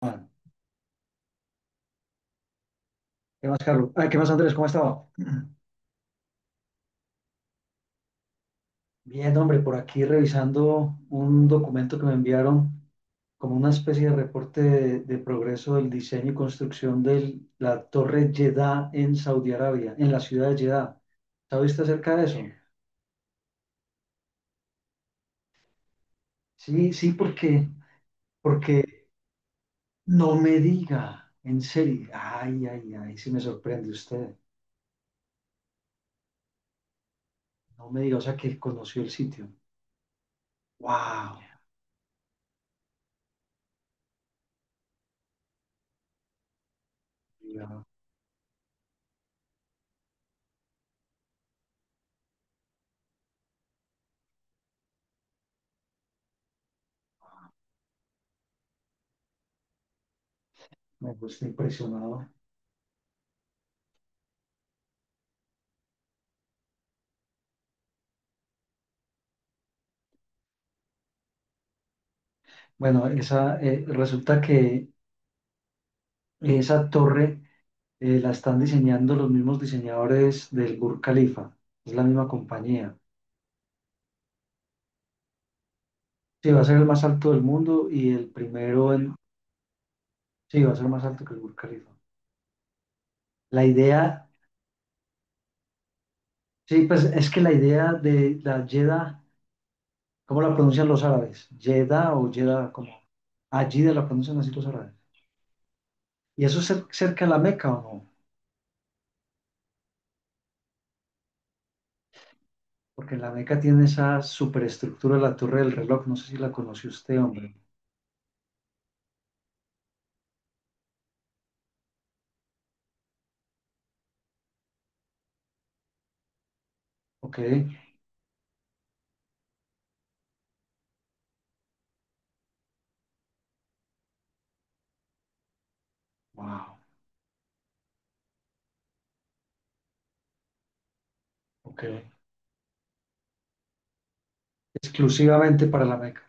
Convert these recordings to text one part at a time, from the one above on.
Juan. ¿Qué más, Carlos? Ah, ¿qué más, Andrés? ¿Cómo ha estado? Bien, hombre, por aquí revisando un documento que me enviaron como una especie de reporte de progreso del diseño y construcción de la Torre Jeddah en Saudi Arabia, en la ciudad de Jeddah. ¿Sabe usted acerca de eso? Sí, sí, porque no me diga, en serio, ay, ay, ay, sí me sorprende usted. No me diga, o sea, que conoció el sitio. ¡Wow! Ya. Me gusta impresionado. Bueno, resulta que esa torre, la están diseñando los mismos diseñadores del Burj Khalifa, es la misma compañía. Sí, va a ser el más alto del mundo y el primero en. Sí, va a ser más alto que el Burj Khalifa. La idea, sí, pues es que la idea de la Jeddah, ¿cómo la pronuncian los árabes? ¿Jeddah o Jeddah? Como allí de la pronuncian así los árabes. ¿Y eso es cerca de la Meca o no? Porque la Meca tiene esa superestructura de la Torre del Reloj, no sé si la conoce usted, hombre. Ok. Wow, ok. Exclusivamente para la Meca,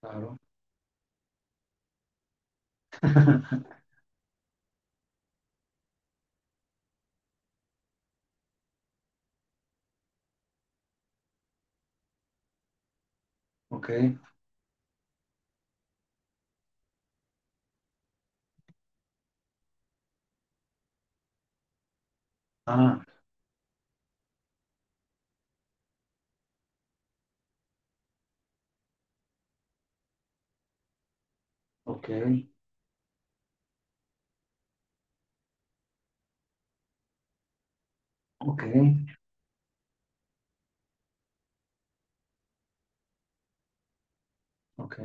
claro. Ok, ah, ok, ok, ok.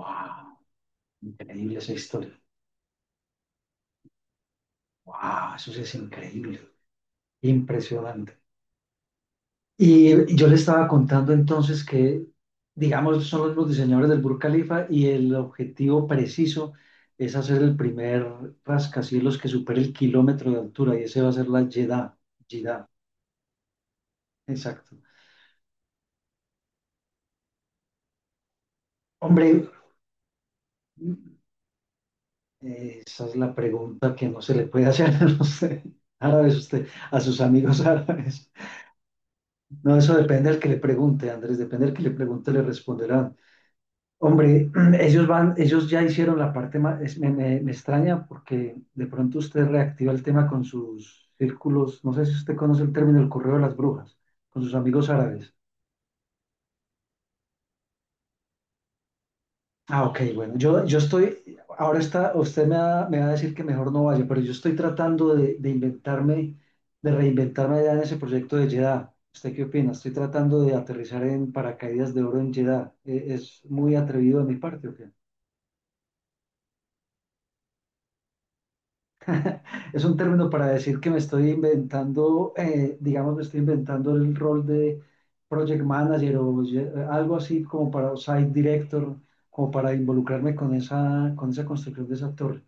Wow, increíble esa historia. Wow, eso sí es increíble, impresionante. Y yo le estaba contando entonces que, digamos, son los mismos diseñadores del Burj Khalifa y el objetivo preciso es hacer el primer rascacielos que supere el kilómetro de altura, y ese va a ser la Jeddah, Jeddah, exacto. Hombre, esa es la pregunta que no se le puede hacer a los árabes, usted, a sus amigos árabes. No, eso depende del que le pregunte, Andrés, depende del que le pregunte, le responderán. Hombre, ellos van, ellos ya hicieron la parte más, me extraña porque de pronto usted reactiva el tema con sus círculos, no sé si usted conoce el término el correo de las brujas, con sus amigos árabes. Ah, ok, bueno, yo estoy, ahora está, usted me va a decir que mejor no vaya, pero yo estoy tratando de inventarme, de reinventarme ya en ese proyecto de Jeddah. ¿Usted qué opina? Estoy tratando de aterrizar en paracaídas de oro en Jeddah. ¿Es muy atrevido de mi parte o qué? Es un término para decir que me estoy inventando, digamos, me estoy inventando el rol de project manager o algo así como para o site director, como para involucrarme con esa, construcción de esa torre.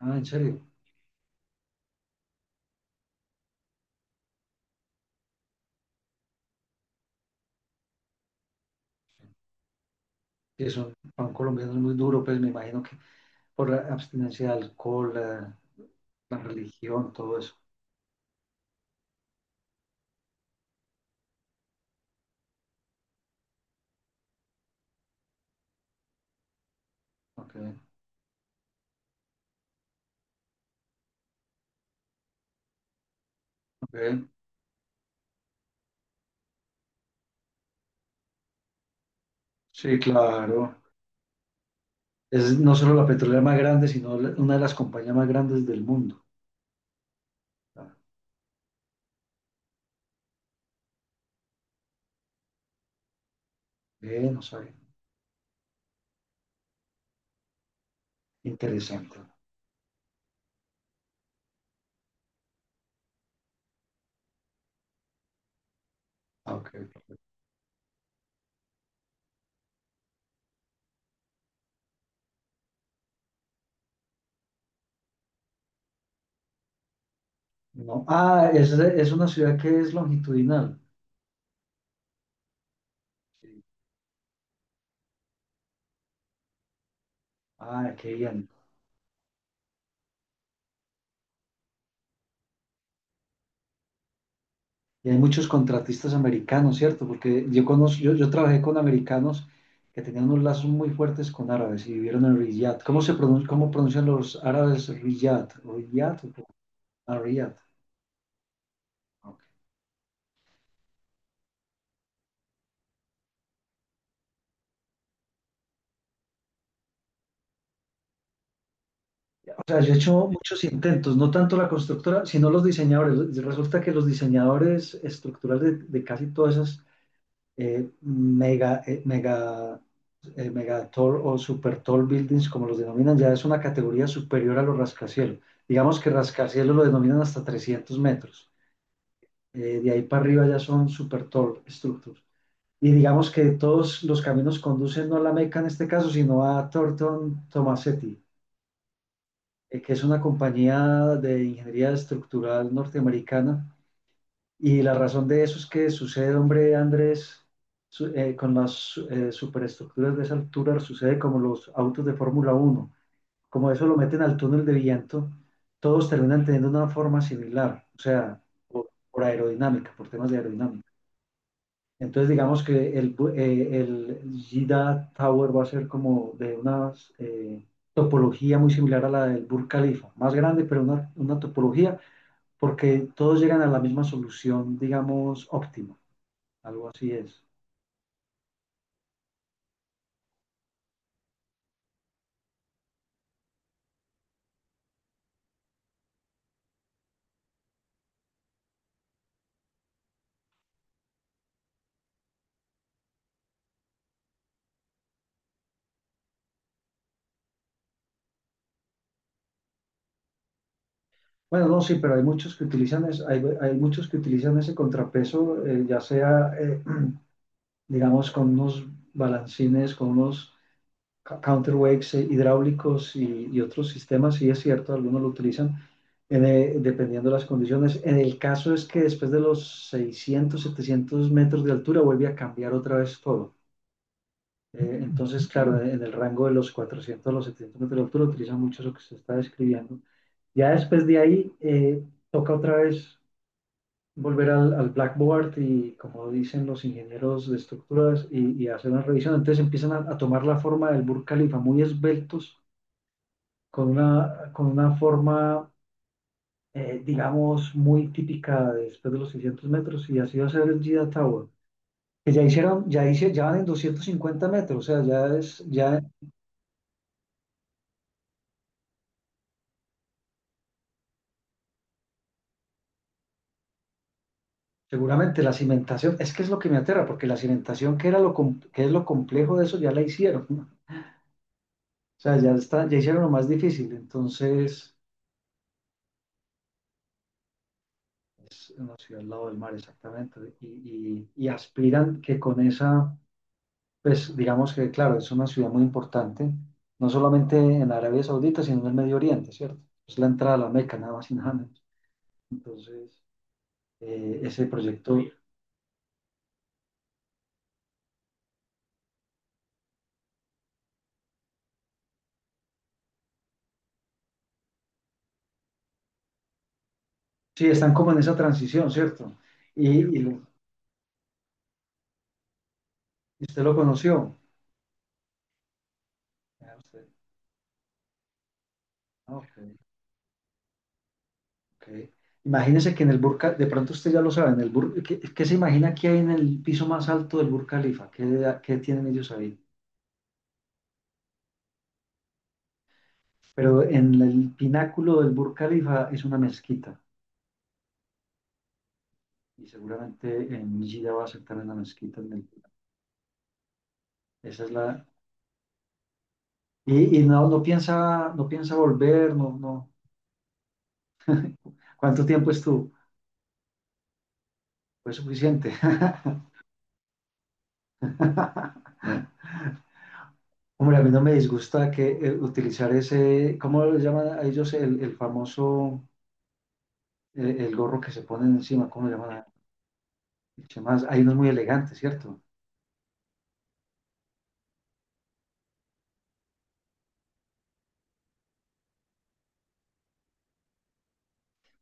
Ah, en serio, que son, para un colombiano es muy duro, pues me imagino que por la abstinencia de alcohol, la religión, todo eso. Ok, ok. Sí, claro. Es no solo la petrolera más grande, sino una de las compañías más grandes del mundo. Ah, bien, no sabía. Interesante. Ah, ok. Ok. No. Ah, es una ciudad que es longitudinal. Sí. Ah, qué bien. Y hay muchos contratistas americanos, ¿cierto? Porque yo trabajé con americanos que tenían unos lazos muy fuertes con árabes y vivieron en Riyadh. ¿Cómo se pronuncia, cómo pronuncian los árabes Riyadh? ¿Riyadh? ¿O cómo? Ah, Riyadh. Ok. O sea, yo he hecho muchos intentos, no tanto la constructora, sino los diseñadores. Resulta que los diseñadores estructurales de casi todas esas eh, mega, eh, mega, mega o super tall buildings, como los denominan, ya es una categoría superior a los rascacielos. Digamos que rascacielos lo denominan hasta 300 metros. De ahí para arriba ya son super tall structures. Y digamos que todos los caminos conducen no a la Meca en este caso, sino a Thornton Tomasetti, que es una compañía de ingeniería estructural norteamericana. Y la razón de eso es que sucede, hombre, Andrés, con las superestructuras de esa altura, sucede como los autos de Fórmula 1. Como eso lo meten al túnel de viento, todos terminan teniendo una forma similar, o sea, por aerodinámica, por temas de aerodinámica. Entonces, digamos que el Jeddah Tower va a ser como de una eh, topología muy similar a la del Burj Khalifa, más grande, pero una topología, porque todos llegan a la misma solución, digamos, óptima. Algo así es. Bueno, no, sí, pero hay muchos que utilizan ese contrapeso, ya sea, digamos, con unos balancines, con unos counterweights, hidráulicos, y otros sistemas, sí es cierto, algunos lo utilizan dependiendo de las condiciones. En el caso es que después de los 600, 700 metros de altura vuelve a cambiar otra vez todo. Entonces, claro, en el rango de los 400 a los 700 metros de altura utilizan mucho lo que se está describiendo. Ya después de ahí, toca otra vez volver al Blackboard y, como dicen los ingenieros de estructuras, y hacer una revisión. Entonces empiezan a tomar la forma del Burj Khalifa, muy esbeltos, con una forma, digamos, muy típica de después de los 600 metros, y así va a ser el Jeddah Tower. Que ya hicieron, ya hice, ya van en 250 metros, o sea, ya es, ya seguramente la cimentación, es que es lo que me aterra, porque la cimentación, que era que es lo complejo de eso, ya la hicieron, ¿no? O sea, ya está, ya hicieron lo más difícil, entonces es una ciudad al lado del mar, exactamente. Y aspiran que con esa, pues digamos que, claro, es una ciudad muy importante, no solamente en Arabia Saudita, sino en el Medio Oriente, ¿cierto? Es la entrada a la Meca, nada más y nada menos. Entonces, ese proyecto, sí, están como en esa transición, ¿cierto? Y usted lo conoció. Ah, usted. Ah, ok. Ok. Imagínese que en el de pronto usted ya lo sabe, en el ¿qué se imagina que hay en el piso más alto del Burj Khalifa? ¿Qué tienen ellos ahí? Pero en el pináculo del Burj Khalifa es una mezquita y seguramente en Gida va a ser también una mezquita. En el- esa es la, y no, no piensa volver, no, no. ¿Cuánto tiempo estuvo? Fue suficiente. Hombre, a mí no me disgusta que, utilizar ese, ¿cómo lo llaman a ellos? El famoso, el gorro que se ponen encima, ¿cómo le llaman? El chamás, hay uno muy elegante, ¿cierto?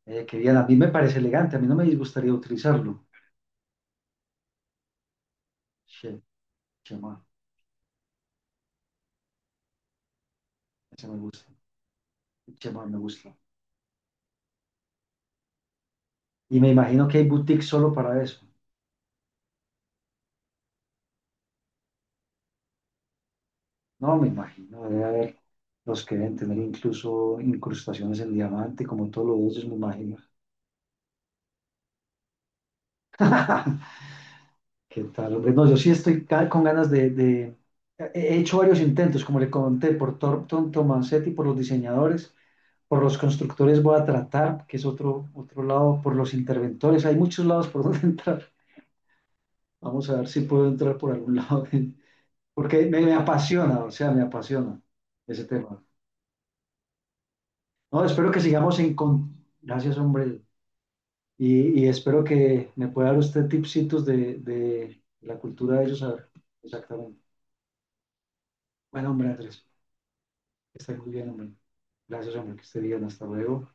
Que bien, a mí me parece elegante, a mí no me disgustaría utilizarlo. Che, chamás, ese me gusta, chema me gusta. Y me imagino que hay boutiques solo para eso. No, me imagino, debe haber los que deben tener incluso incrustaciones en diamante, como todos los de ellos, me imagino. ¿Qué tal, hombre? No, yo sí estoy con ganas he hecho varios intentos, como le conté, por Thornton Tomasetti, por los diseñadores, por los constructores voy a tratar, que es otro lado, por los interventores, hay muchos lados por donde entrar. Vamos a ver si puedo entrar por algún lado, de, porque me apasiona, o sea, me apasiona ese tema. No, espero que sigamos en. Con. Gracias, hombre. Y espero que me pueda dar usted tipsitos de la cultura de ellos, a ver, exactamente. Bueno, hombre, Andrés, que esté muy bien, hombre. Gracias, hombre, que esté bien. Hasta luego.